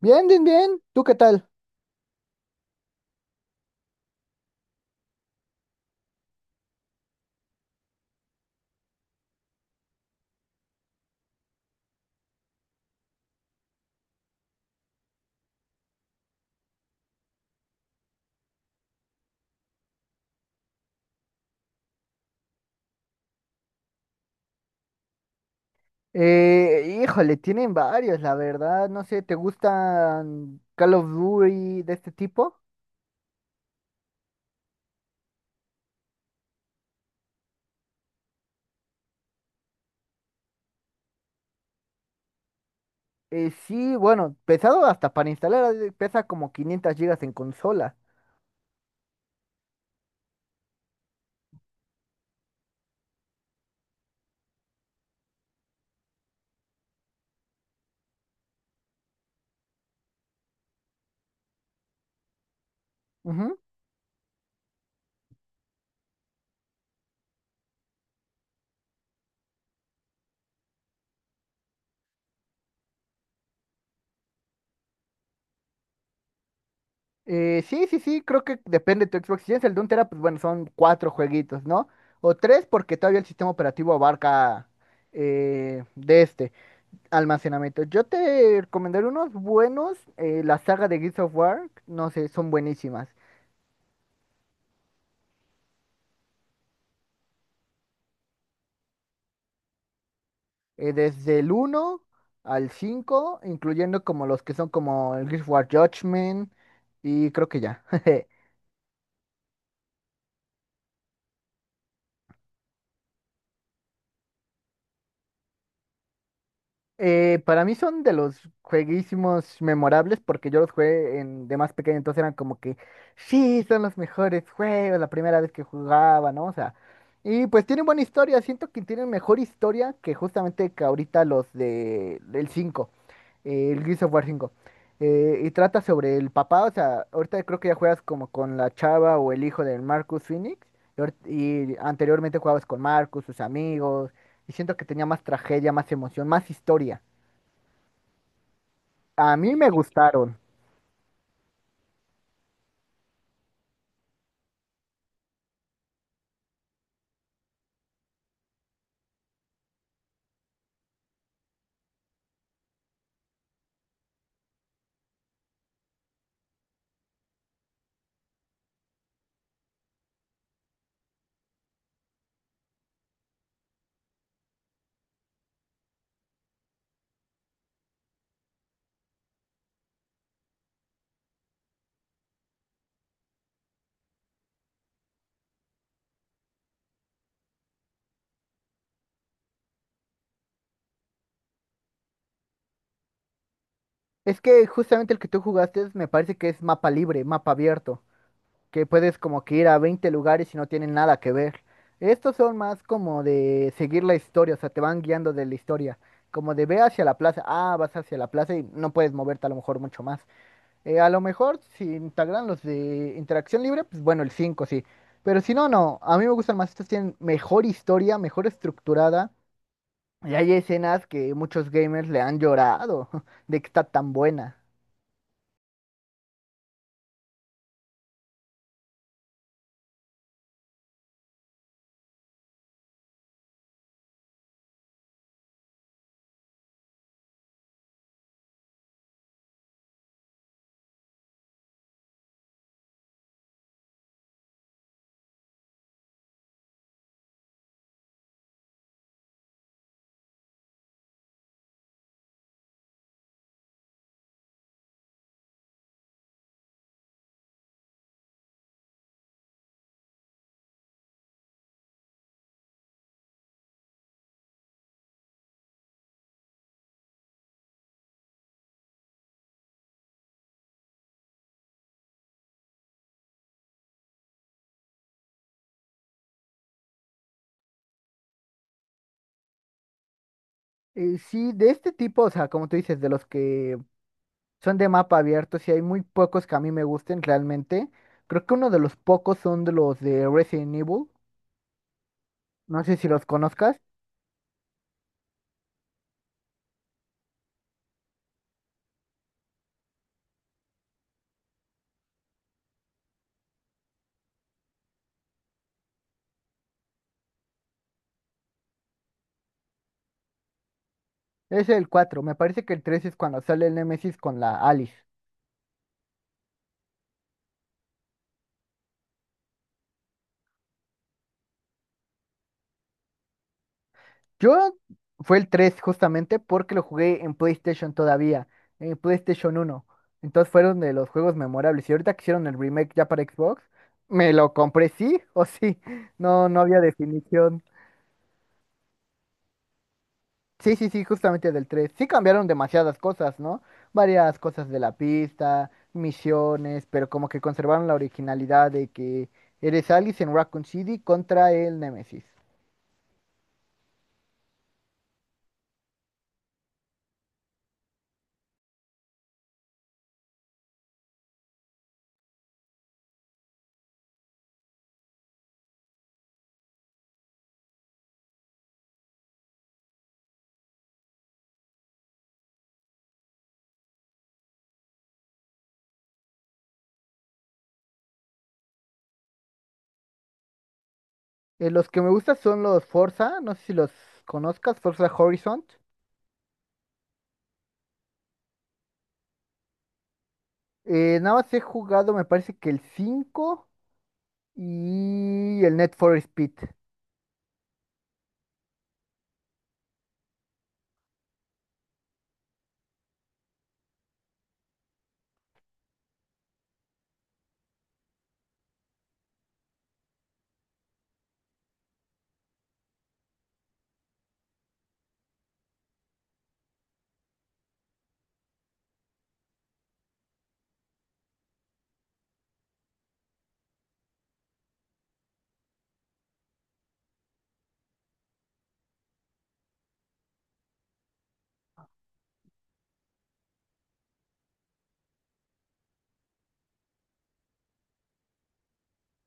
Bien, bien, bien. ¿Tú qué tal? Híjole, tienen varios, la verdad. No sé, ¿te gustan Call of Duty de este tipo? Sí, bueno, pesado hasta para instalar, ha pesa como 500 gigas en consola. Ujú. Sí, sí, sí, creo que depende de tu Xbox. Si es el de un tera, pues bueno, son cuatro jueguitos, ¿no? O tres, porque todavía el sistema operativo abarca, de este almacenamiento. Yo te recomendaré unos buenos, la saga de Gears of War, no sé, son buenísimas. Desde el uno al 5, incluyendo como los que son como el Guild Wars Judgment y creo que ya. Para mí son de los jueguísimos memorables porque yo los jugué, en, de más pequeño, entonces eran como que, sí, son los mejores juegos, la primera vez que jugaba, ¿no? O sea, y pues tienen buena historia, siento que tienen mejor historia que justamente que ahorita los de, del 5, el Gears of War 5. Y trata sobre el papá, o sea, ahorita creo que ya juegas como con la chava o el hijo del Marcus Phoenix, y, y anteriormente jugabas con Marcus, sus amigos, y siento que tenía más tragedia, más emoción, más historia. A mí me gustaron. Es que justamente el que tú jugaste me parece que es mapa libre, mapa abierto, que puedes como que ir a 20 lugares y no tienen nada que ver. Estos son más como de seguir la historia, o sea, te van guiando de la historia. Como de ve hacia la plaza, ah, vas hacia la plaza y no puedes moverte a lo mejor mucho más. A lo mejor si integran los de interacción libre, pues bueno, el 5 sí. Pero si no, no, a mí me gustan más, estos tienen mejor historia, mejor estructurada. Y hay escenas que muchos gamers le han llorado de que está tan buena. Sí, de este tipo, o sea, como tú dices, de los que son de mapa abierto, sí hay muy pocos que a mí me gusten realmente. Creo que uno de los pocos son de los de Resident Evil. No sé si los conozcas. Es el cuatro. Me parece que el 3 es cuando sale el Nemesis con la Alice. Yo fue el 3 justamente porque lo jugué en PlayStation todavía, en PlayStation uno. Entonces fueron de los juegos memorables. Y ahorita que hicieron el remake ya para Xbox, me lo compré sí o sí. No, no había definición. Sí, sí, sí, justamente del tres. Sí cambiaron demasiadas cosas, ¿no? Varias cosas de la pista, misiones, pero como que conservaron la originalidad de que eres Alice en Raccoon City contra el Nemesis. Los que me gustan son los Forza, no sé si los conozcas, Forza Horizon. Nada más he jugado, me parece que el 5 y el Net for Speed.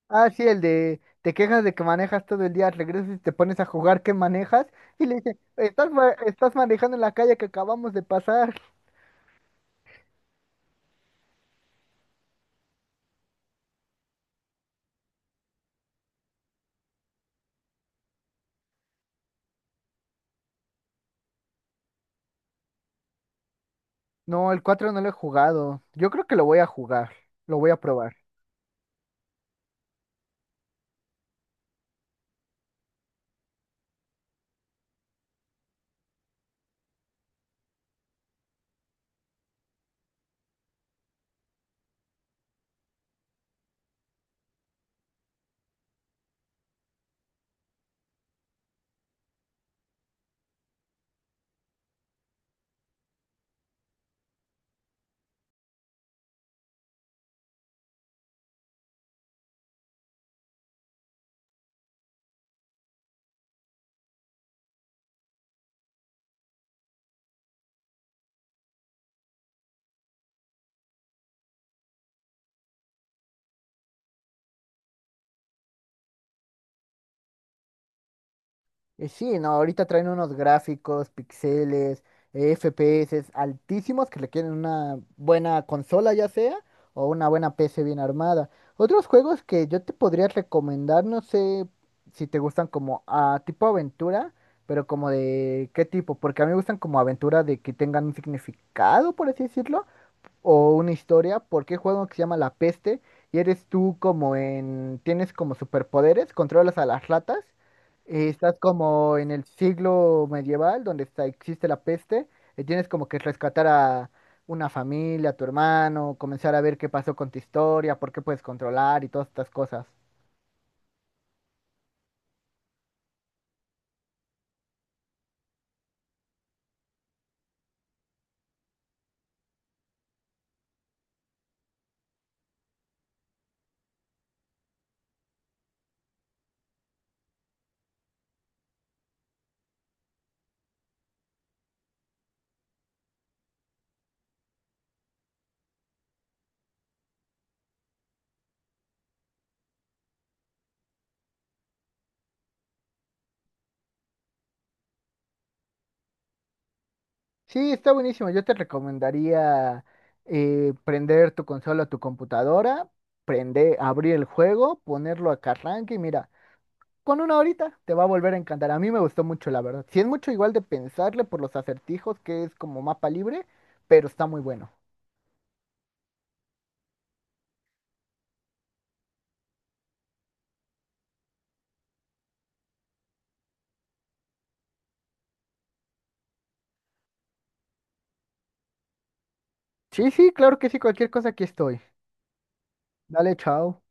Ah, sí, el de te quejas de que manejas todo el día, regresas y te pones a jugar que manejas y le dice, estás, estás manejando en la calle que acabamos de pasar. No, el cuatro no lo he jugado. Yo creo que lo voy a jugar, lo voy a probar. Sí, no, ahorita traen unos gráficos, píxeles, FPS altísimos que requieren una buena consola ya sea o una buena PC bien armada. Otros juegos que yo te podría recomendar, no sé si te gustan como a tipo aventura, pero como de qué tipo, porque a mí me gustan como aventura de que tengan un significado, por así decirlo, o una historia, porque juega uno que se llama La Peste y eres tú como en, tienes como superpoderes, controlas a las ratas, estás como en el siglo medieval donde está, existe la peste, y tienes como que rescatar a una familia, a tu hermano, comenzar a ver qué pasó con tu historia, por qué puedes controlar y todas estas cosas. Sí, está buenísimo. Yo te recomendaría prender tu consola o tu computadora, prender, abrir el juego, ponerlo a que arranque y mira. Con una horita te va a volver a encantar. A mí me gustó mucho, la verdad. Si es mucho igual de pensarle por los acertijos, que es como mapa libre, pero está muy bueno. Sí, sí, claro que sí, cualquier cosa aquí estoy. Dale, chao.